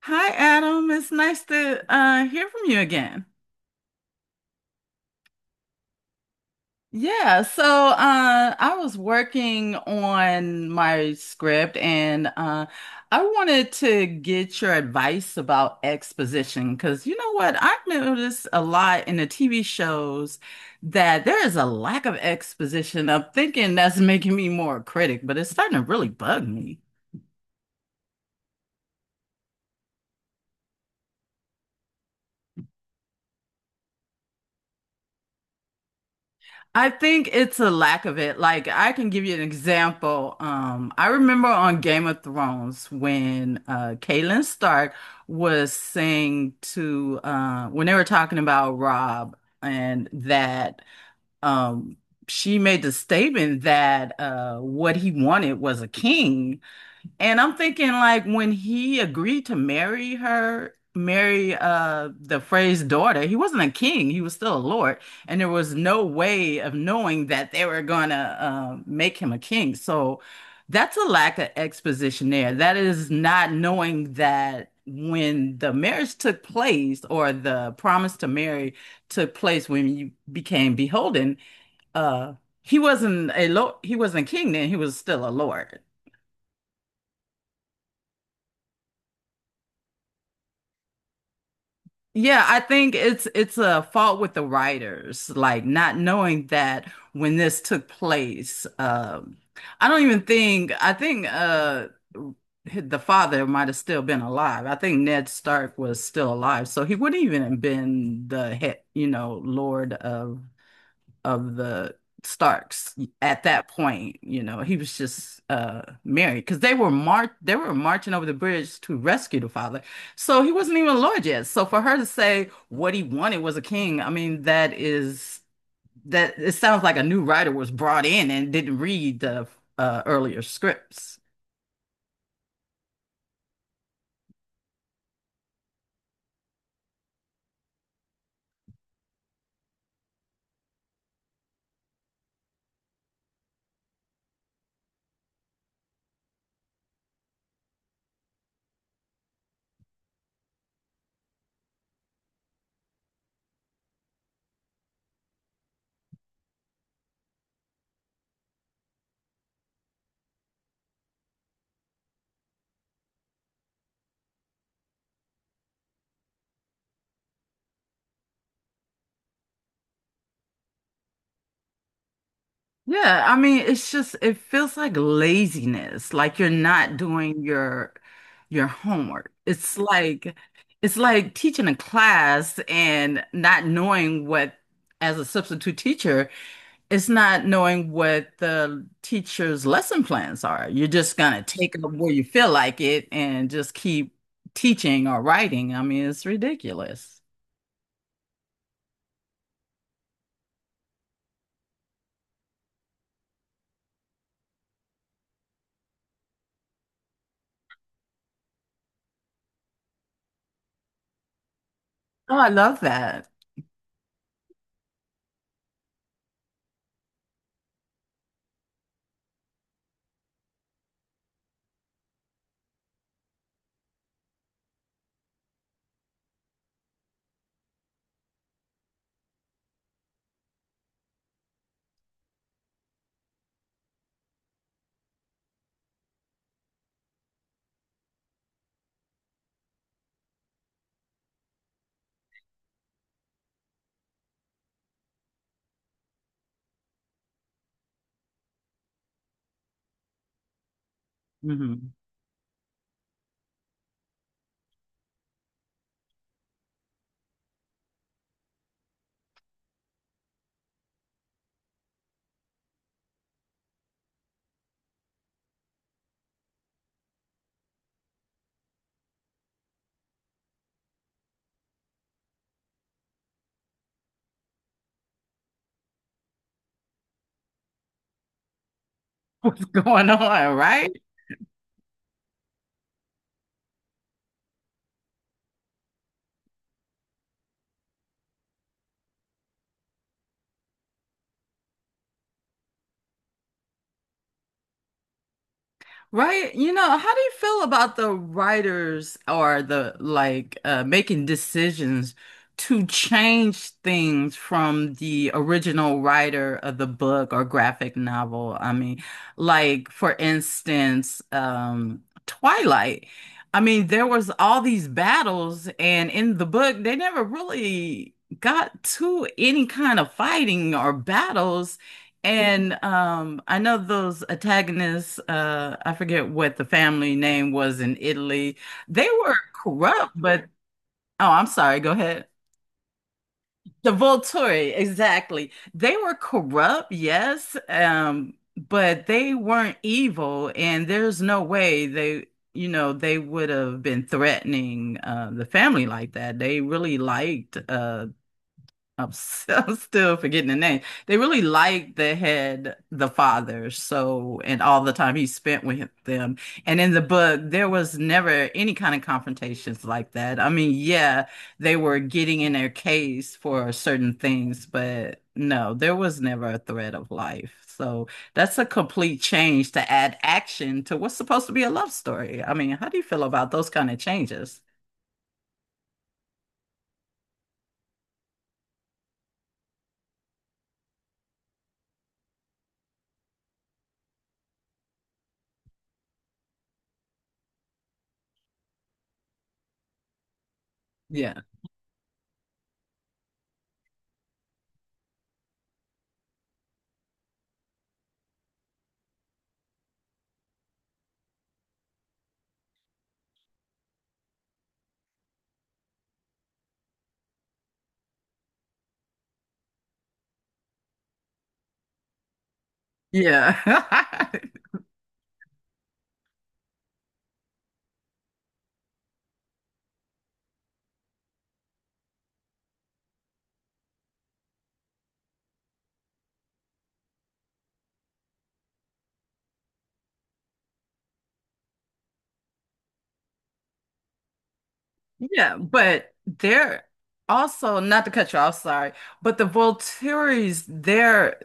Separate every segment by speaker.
Speaker 1: Hi, Adam. It's nice to hear from you again. I was working on my script, and I wanted to get your advice about exposition. Because you know what? I've noticed a lot in the TV shows that there is a lack of exposition. I'm thinking that's making me more a critic, but it's starting to really bug me. I think it's a lack of it. Like, I can give you an example. I remember on Game of Thrones when Catelyn Stark was saying to when they were talking about Rob and that um she made the statement that what he wanted was a king. And I'm thinking, like, when he agreed to marry her, marry the Frey's daughter, he wasn't a king, he was still a lord, and there was no way of knowing that they were gonna make him a king. So that's a lack of exposition there. That is not knowing that when the marriage took place, or the promise to marry took place, when you became beholden, uh he wasn't a lord, he wasn't king then, he was still a lord. Yeah, I think it's a fault with the writers, like not knowing that when this took place. I don't even think, I think the father might have still been alive. I think Ned Stark was still alive, so he wouldn't even have been the head, you know, Lord of the Starks at that point. You know, he was just married because they were mar they were marching over the bridge to rescue the father. So he wasn't even a lord yet. So for her to say what he wanted was a king, I mean, that, is that it sounds like a new writer was brought in and didn't read the earlier scripts. Yeah, I mean, it's just, it feels like laziness, like you're not doing your homework. It's like, it's like teaching a class and not knowing what, as a substitute teacher, it's not knowing what the teacher's lesson plans are. You're just gonna take up where you feel like it and just keep teaching or writing. I mean, it's ridiculous. Oh, I love that. Hmm. What's going on, right? Right? You know, how do you feel about the writers or the, like, making decisions to change things from the original writer of the book or graphic novel? I mean, like, for instance, Twilight. I mean, there was all these battles, and in the book, they never really got to any kind of fighting or battles. And I know those antagonists, I forget what the family name was in Italy. They were corrupt, but oh, I'm sorry, go ahead. The Volturi, exactly. They were corrupt, yes, but they weren't evil, and there's no way they, you know, they would have been threatening the family like that. They really liked I'm, I'm still forgetting the name. They really liked the head, the father, so, and all the time he spent with them. And in the book, there was never any kind of confrontations like that. I mean, yeah, they were getting in their case for certain things, but no, there was never a threat of life. So that's a complete change to add action to what's supposed to be a love story. I mean, how do you feel about those kind of changes? Yeah. Yeah. Yeah, but they're also, not to cut you off, sorry, but the Volturi's,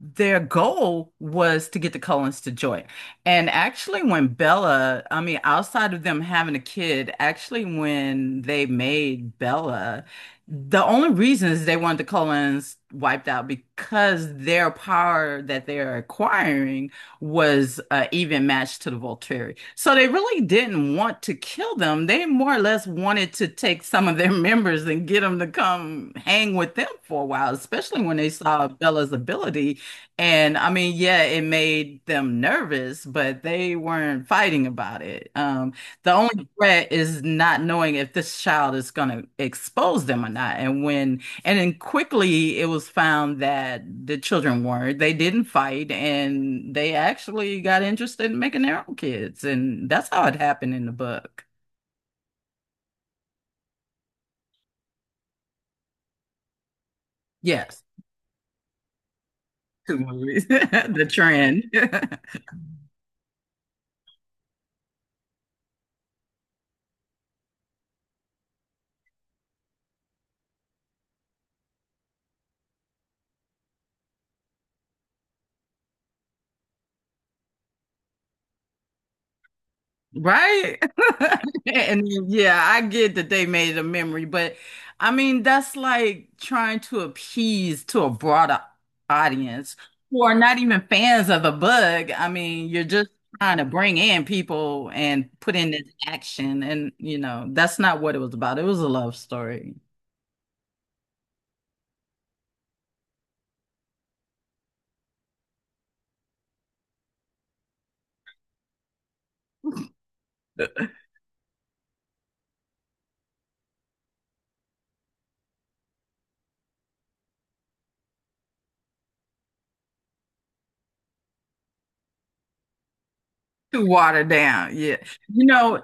Speaker 1: their goal was to get the Cullens to join. And actually when Bella, I mean, outside of them having a kid, actually when they made Bella, the only reason is they wanted the Cullens wiped out because their power that they're acquiring was even matched to the Volturi. So they really didn't want to kill them. They more or less wanted to take some of their members and get them to come hang with them for a while, especially when they saw Bella's ability. And I mean, yeah, it made them nervous, but they weren't fighting about it. The only threat is not knowing if this child is going to expose them or not. And when and then quickly it was found that the children weren't. They didn't fight, and they actually got interested in making their own kids. And that's how it happened in the book. Yes. Two movies. The trend. Right? And yeah, I get that they made a memory, but I mean, that's like trying to appease to a broader audience who are not even fans of the bug. I mean, you're just trying to bring in people and put in this action, and you know, that's not what it was about. It was a love story. Too watered down. Yeah. You know,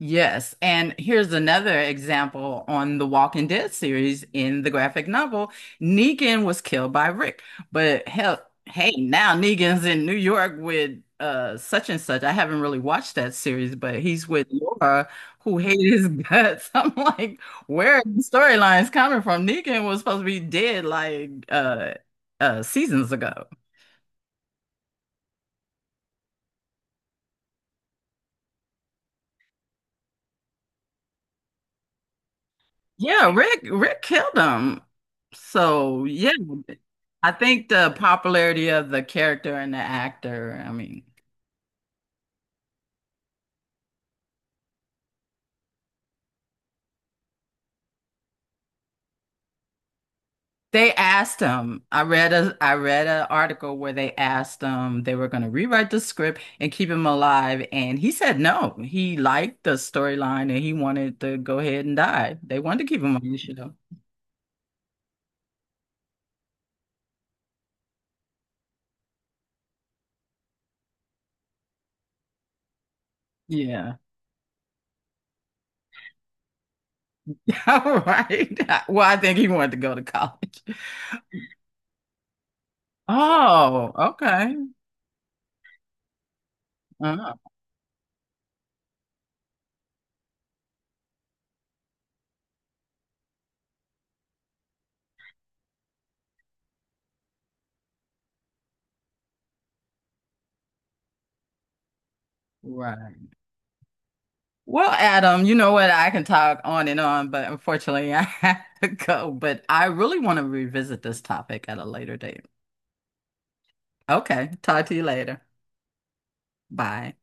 Speaker 1: yes, and here's another example. On the Walking Dead series, in the graphic novel, Negan was killed by Rick, but hell, hey, now Negan's in New York with such and such. I haven't really watched that series, but he's with Laura, who hated his guts. I'm like, where are the storylines coming from? Negan was supposed to be dead like seasons ago. Yeah, Rick killed him. So yeah, I think the popularity of the character and the actor. I mean, they asked him. I read a, I read an article where they asked him, they were going to rewrite the script and keep him alive, and he said no. He liked the storyline and he wanted to go ahead and die. They wanted to keep him on the show. Yeah. All right. Well, I think he wanted to go to college. Oh, okay. Uh, right. Well, Adam, you know what? I can talk on and on, but unfortunately, I have to go. But I really want to revisit this topic at a later date. Okay, talk to you later. Bye.